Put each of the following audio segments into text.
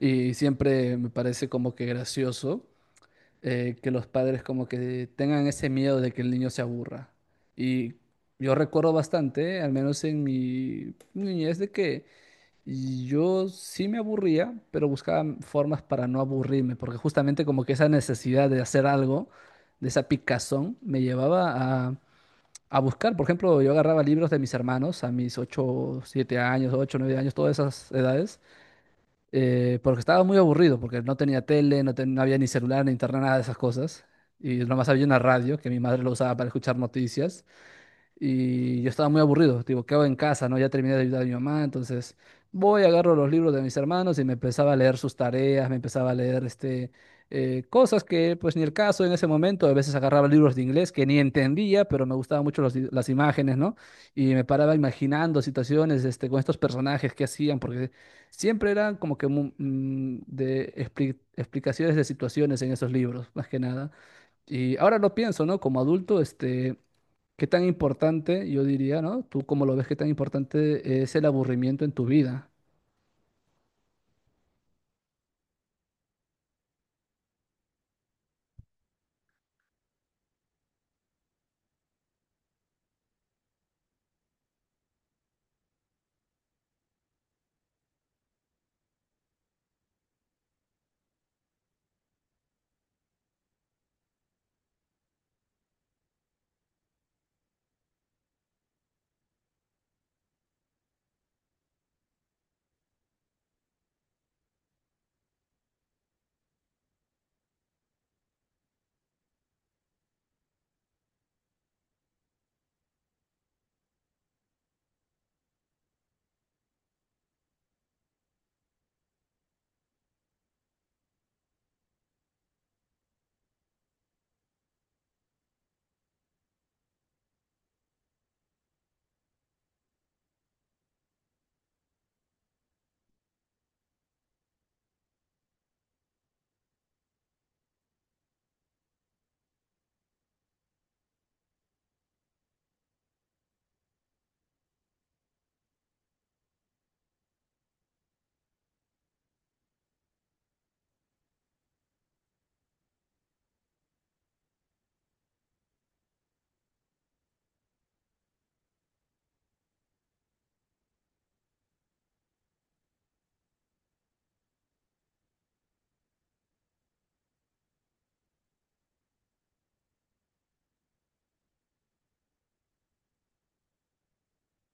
Y siempre me parece como que gracioso, que los padres como que tengan ese miedo de que el niño se aburra. Y yo recuerdo bastante, al menos en mi niñez, de que yo sí me aburría, pero buscaba formas para no aburrirme, porque justamente como que esa necesidad de hacer algo, de esa picazón, me llevaba a buscar. Por ejemplo, yo agarraba libros de mis hermanos a mis 8 7 años, 8 9 años, todas esas edades, porque estaba muy aburrido, porque no tenía tele, no, no había ni celular, ni internet, nada de esas cosas. Y nomás había una radio que mi madre lo usaba para escuchar noticias. Y yo estaba muy aburrido, digo, ¿qué hago en casa, no? Ya terminé de ayudar a mi mamá, entonces voy, agarro los libros de mis hermanos y me empezaba a leer sus tareas, me empezaba a leer cosas que pues ni el caso en ese momento, a veces agarraba libros de inglés que ni entendía, pero me gustaban mucho los las imágenes, ¿no? Y me paraba imaginando situaciones este, con estos personajes que hacían, porque siempre eran como que de explicaciones de situaciones en esos libros, más que nada. Y ahora lo pienso, ¿no? Como adulto, este... ¿Qué tan importante, yo diría, ¿no? Tú cómo lo ves, ¿qué tan importante es el aburrimiento en tu vida?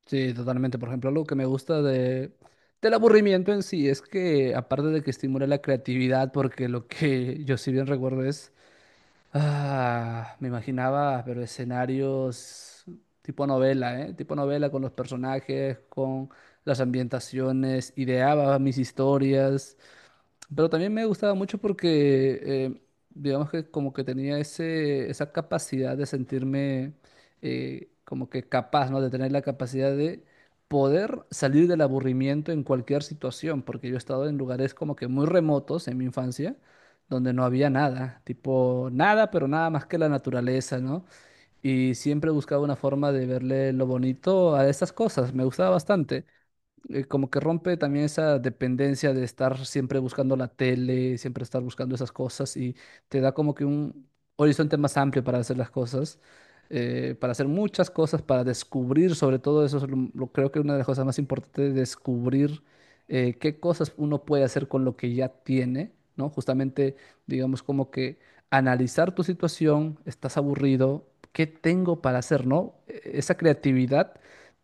Sí, totalmente. Por ejemplo, algo que me gusta de, del aburrimiento en sí es que, aparte de que estimula la creatividad, porque lo que yo sí bien recuerdo es, ah, me imaginaba, pero escenarios tipo novela, ¿eh? Tipo novela con los personajes, con las ambientaciones, ideaba mis historias. Pero también me gustaba mucho porque, digamos que como que tenía ese, esa capacidad de sentirme, como que capaz, ¿no? De tener la capacidad de poder salir del aburrimiento en cualquier situación, porque yo he estado en lugares como que muy remotos en mi infancia, donde no había nada, tipo nada, pero nada más que la naturaleza, ¿no? Y siempre buscaba una forma de verle lo bonito a estas cosas, me gustaba bastante, como que rompe también esa dependencia de estar siempre buscando la tele, siempre estar buscando esas cosas y te da como que un horizonte más amplio para hacer las cosas, para hacer muchas cosas, para descubrir sobre todo eso, es creo que una de las cosas más importantes es descubrir, qué cosas uno puede hacer con lo que ya tiene, ¿no? Justamente, digamos como que analizar tu situación, estás aburrido, ¿qué tengo para hacer, ¿no? Esa creatividad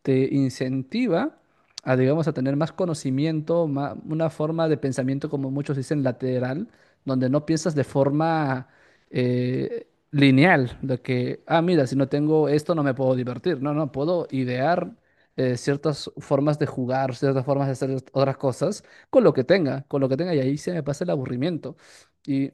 te incentiva a, digamos, a tener más conocimiento, una forma de pensamiento, como muchos dicen, lateral, donde no piensas de forma, lineal, de que, ah, mira, si no tengo esto no me puedo divertir, no, no, puedo idear, ciertas formas de jugar, ciertas formas de hacer otras cosas con lo que tenga, con lo que tenga, y ahí se me pasa el aburrimiento. Y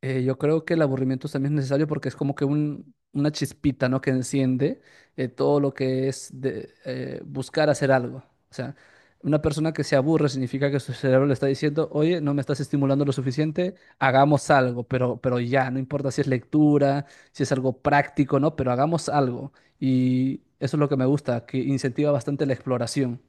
eh, yo creo que el aburrimiento también es necesario porque es como que una chispita, ¿no? Que enciende, todo lo que es de, buscar hacer algo. O sea, una persona que se aburre significa que su cerebro le está diciendo, oye, no me estás estimulando lo suficiente, hagamos algo, pero ya, no importa si es lectura, si es algo práctico, ¿no? Pero hagamos algo. Y eso es lo que me gusta, que incentiva bastante la exploración.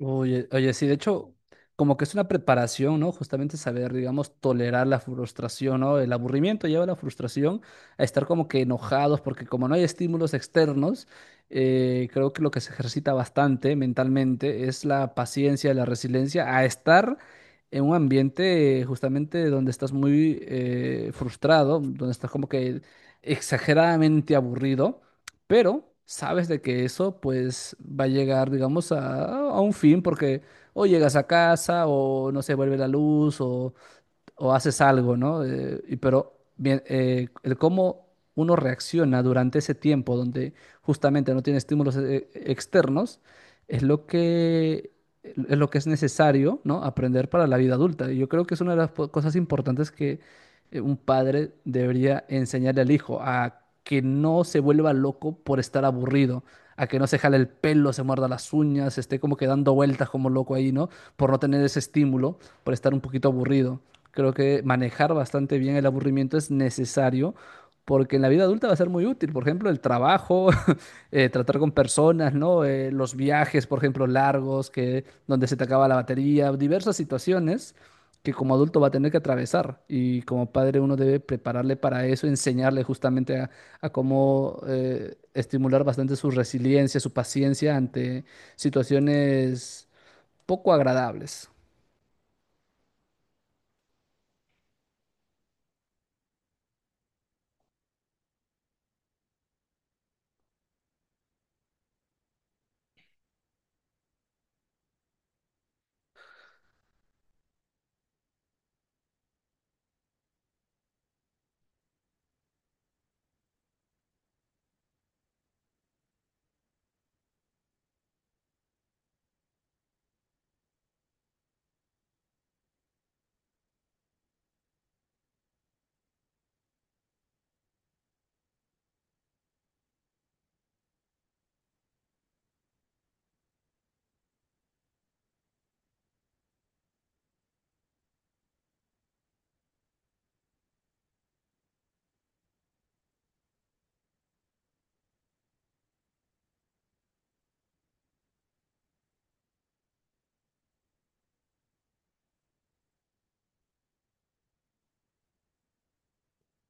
Oye, oye, sí, de hecho, como que es una preparación, ¿no? Justamente saber, digamos, tolerar la frustración, ¿no? El aburrimiento lleva a la frustración, a estar como que enojados, porque como no hay estímulos externos, creo que lo que se ejercita bastante mentalmente es la paciencia, la resiliencia, a estar en un ambiente, justamente donde estás muy, frustrado, donde estás como que exageradamente aburrido. Pero sabes de que eso pues va a llegar, digamos, a un fin porque o llegas a casa o no se vuelve la luz o haces algo, ¿no? Y pero bien, el cómo uno reacciona durante ese tiempo donde justamente no tiene estímulos, externos es lo que es necesario, ¿no? Aprender para la vida adulta. Y yo creo que es una de las cosas importantes que, un padre debería enseñarle al hijo a que no se vuelva loco por estar aburrido, a que no se jale el pelo, se muerda las uñas, esté como que dando vueltas como loco ahí, ¿no? Por no tener ese estímulo, por estar un poquito aburrido. Creo que manejar bastante bien el aburrimiento es necesario porque en la vida adulta va a ser muy útil. Por ejemplo, el trabajo, tratar con personas, ¿no? Los viajes, por ejemplo, largos, que, donde se te acaba la batería, diversas situaciones que como adulto va a tener que atravesar. Y como padre uno debe prepararle para eso, enseñarle justamente a cómo, estimular bastante su resiliencia, su paciencia ante situaciones poco agradables.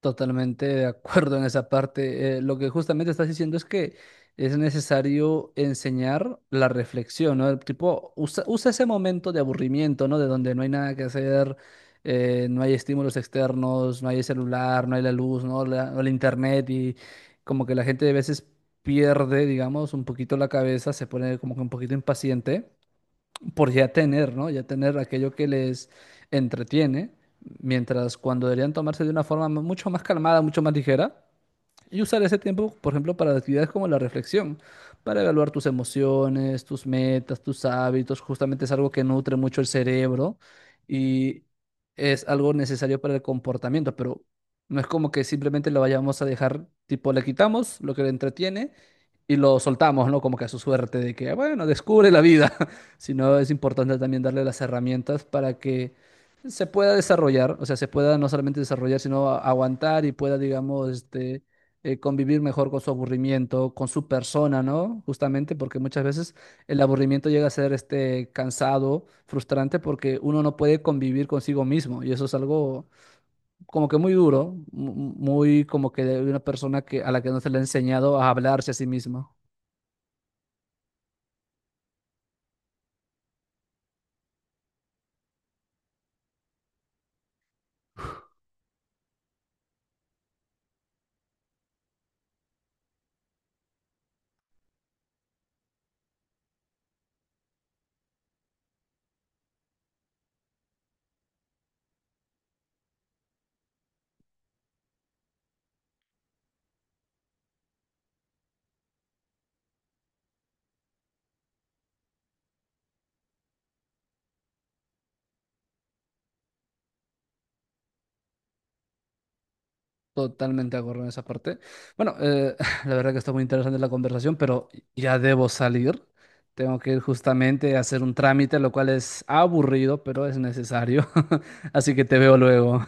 Totalmente de acuerdo en esa parte. Lo que justamente estás diciendo es que es necesario enseñar la reflexión, ¿no? El tipo, usa ese momento de aburrimiento, ¿no? De donde no hay nada que hacer, no hay estímulos externos, no hay el celular, no hay la luz, ¿no? La, o el internet y como que la gente a veces pierde, digamos, un poquito la cabeza, se pone como que un poquito impaciente por ya tener, ¿no? Ya tener aquello que les entretiene, mientras cuando deberían tomarse de una forma mucho más calmada, mucho más ligera, y usar ese tiempo, por ejemplo, para actividades como la reflexión, para evaluar tus emociones, tus metas, tus hábitos. Justamente es algo que nutre mucho el cerebro y es algo necesario para el comportamiento, pero no es como que simplemente lo vayamos a dejar, tipo, le quitamos lo que le entretiene y lo soltamos, ¿no? Como que a su suerte de que, bueno, descubre la vida, sino es importante también darle las herramientas para que se pueda desarrollar, o sea, se pueda no solamente desarrollar, sino aguantar y pueda, digamos, convivir mejor con su aburrimiento, con su persona, ¿no? Justamente porque muchas veces el aburrimiento llega a ser este cansado, frustrante, porque uno no puede convivir consigo mismo y eso es algo como que muy duro, muy como que de una persona que, a la que no se le ha enseñado a hablarse a sí mismo. Totalmente de acuerdo en esa parte. Bueno, la verdad que está muy interesante la conversación, pero ya debo salir. Tengo que ir justamente a hacer un trámite, lo cual es aburrido, pero es necesario. Así que te veo luego.